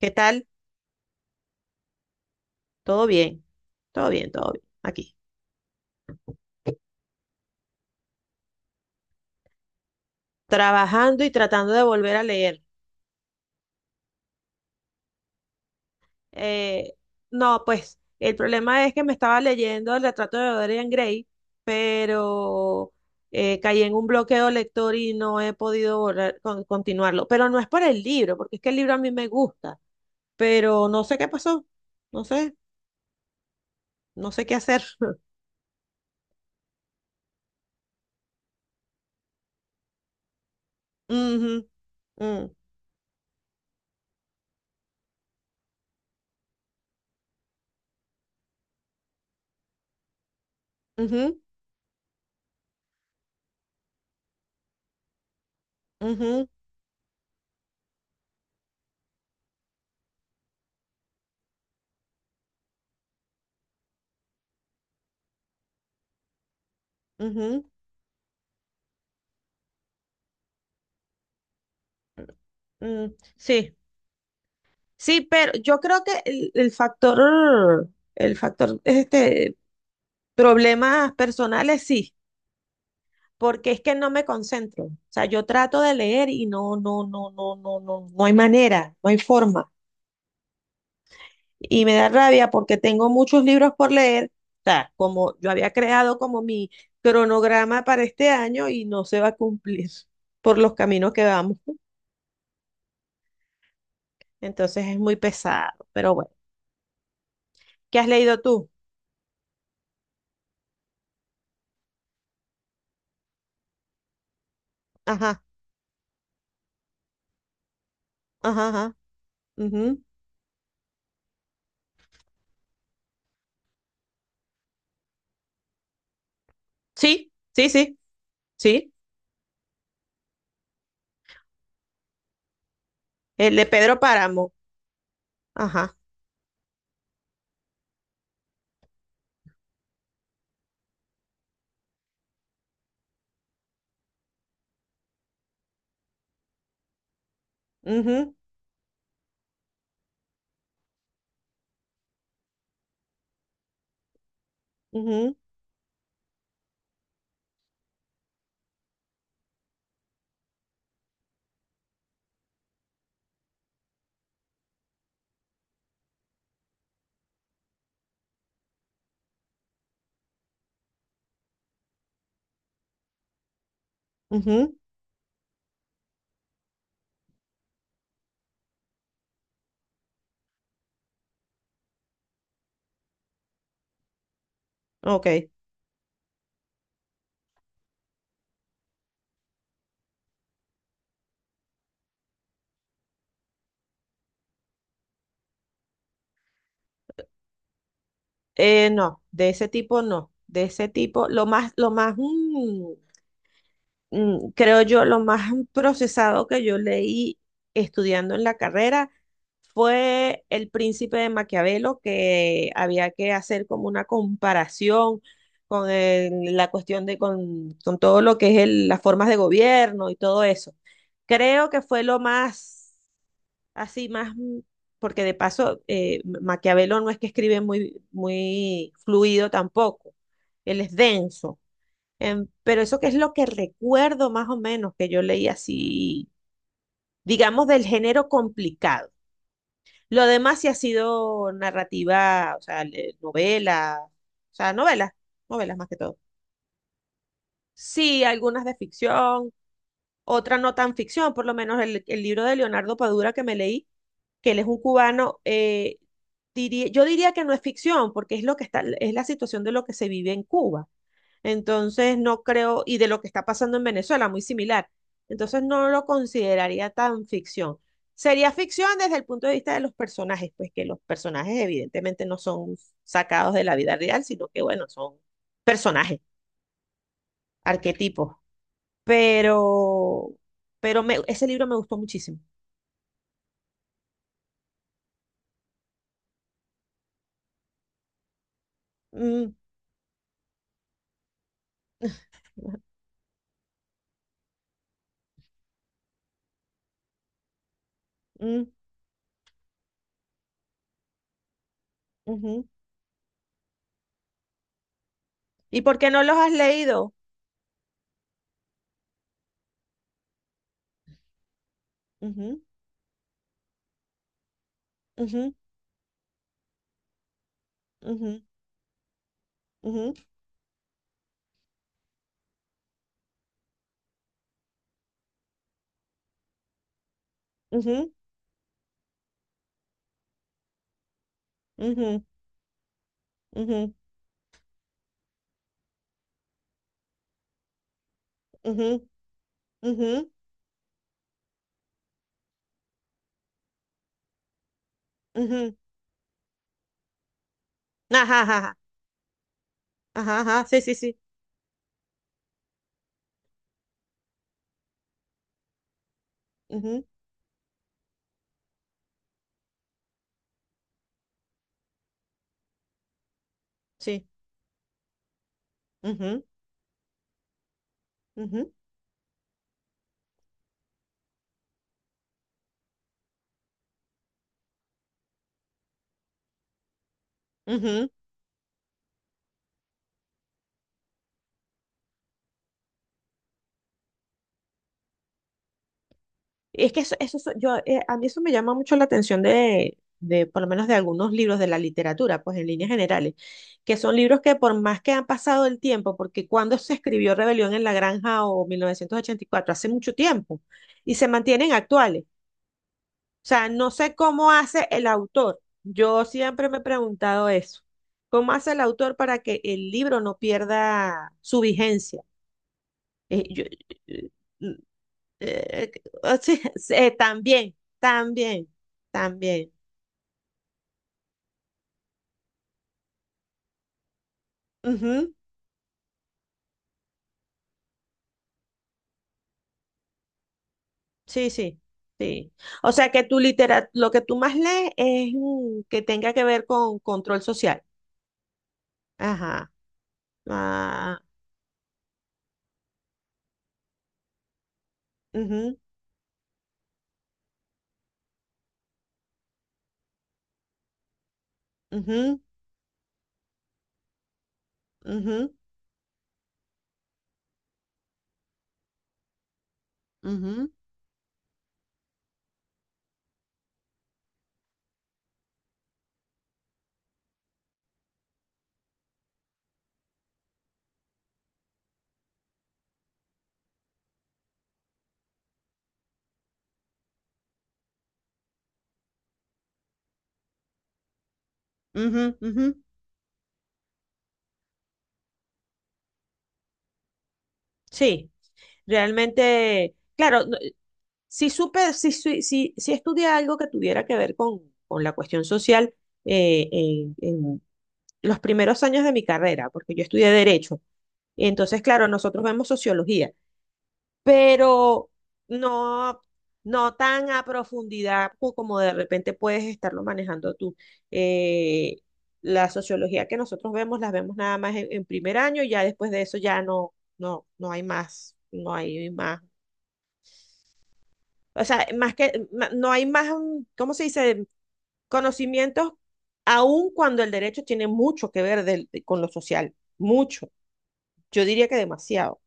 ¿Qué tal? Todo bien, todo bien. Aquí. Trabajando y tratando de volver a leer. Eh, no, pues el problema es que me estaba leyendo El Retrato de Dorian Gray, pero caí en un bloqueo lector y no he podido volver continuarlo. Pero no es por el libro, porque es que el libro a mí me gusta, pero no sé qué pasó. No sé, no sé qué hacer. Ujú, mm, ujú, ujú, ujú, Sí. Sí, pero yo creo que el factor, el factor, problemas personales sí, porque es que no me concentro. O sea, yo trato de leer y no hay manera, no hay forma. Y me da rabia porque tengo muchos libros por leer. O sea, como yo había creado como mi cronograma para este año y no se va a cumplir por los caminos que vamos. Entonces es muy pesado. Pero bueno, ¿qué has leído tú? Ajá, ajá, ajá. Sí, sí, sí, sí. El de Pedro Páramo. Ajá. Ujú, ujú, ujú. Ok. No, de ese tipo no. De ese tipo, lo más, creo yo, lo más procesado que yo leí estudiando en la carrera fue El Príncipe de Maquiavelo, que había que hacer como una comparación con la cuestión de, con todo lo que es las formas de gobierno y todo eso. Creo que fue lo más, así más, porque de paso, Maquiavelo no es que escribe muy fluido tampoco, él es denso. Pero eso que es lo que recuerdo más o menos que yo leí así, digamos, del género complicado. Lo demás sí ha sido narrativa, o sea, novela, o sea, novelas, novelas más que todo. Sí, algunas de ficción, otras no tan ficción, por lo menos el libro de Leonardo Padura que me leí, que él es un cubano, yo diría que no es ficción, porque es lo que está, es la situación de lo que se vive en Cuba. Entonces, no creo, y de lo que está pasando en Venezuela, muy similar. Entonces, no lo consideraría tan ficción. Sería ficción desde el punto de vista de los personajes, pues que los personajes evidentemente no son sacados de la vida real, sino que, bueno, son personajes, arquetipos. Pero, Ese libro me gustó muchísimo. Mm, mm, ujú. ¿Y por qué no los has leído? Ujú, ujú, ujú, ujú, ujú, ujú, ujú, ujú, ujú. Ujú. Ajá, ajá, ajá, ajá, ajá, sí, sí, ujú, sí, ujú, ujú, ujú. Y es que yo, a mí eso me llama mucho la atención de, por lo menos de algunos libros de la literatura, pues en líneas generales, que son libros que por más que han pasado el tiempo, porque cuando se escribió Rebelión en la Granja o 1984 hace mucho tiempo, y se mantienen actuales. O sea, no sé cómo hace el autor. Yo siempre me he preguntado eso. ¿Cómo hace el autor para que el libro no pierda su vigencia? Eh, yo- eh, mm, eh, o sea, eh, también, también, también. Ujú, sí, sí, sí. O sea, que tu litera, lo que tú más lees es que tenga que ver con control social. Ajá. Ah, ujú, ujú, ujú, ujú, ujú, ujú. Sí. Realmente, claro, si supe, si estudié algo que tuviera que ver con la cuestión social en los primeros años de mi carrera, porque yo estudié Derecho. Entonces, claro, nosotros vemos sociología, pero no, no tan a profundidad como de repente puedes estarlo manejando tú. Eh, la sociología que nosotros vemos, las vemos nada más en primer año, y ya después de eso ya no, no hay más, no hay más. O sea, no hay más, ¿cómo se dice? Conocimientos, aun cuando el derecho tiene mucho que ver con lo social, mucho. Yo diría que demasiado.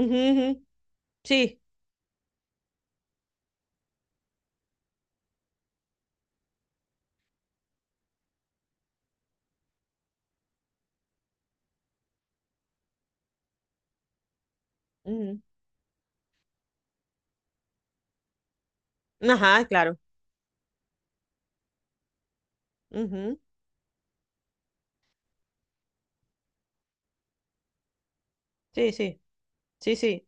Ujú, ujú, ujú, sí. Ujú. Ajá, claro. Ujú, sí, sí, sí, sí.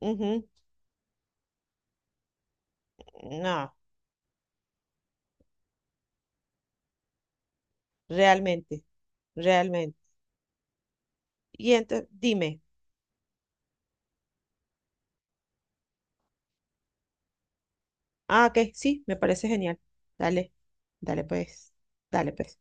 Ujú. No, realmente, realmente. Y entonces, dime. Ah, ok, sí, me parece genial. Dale, dale pues, dale pues.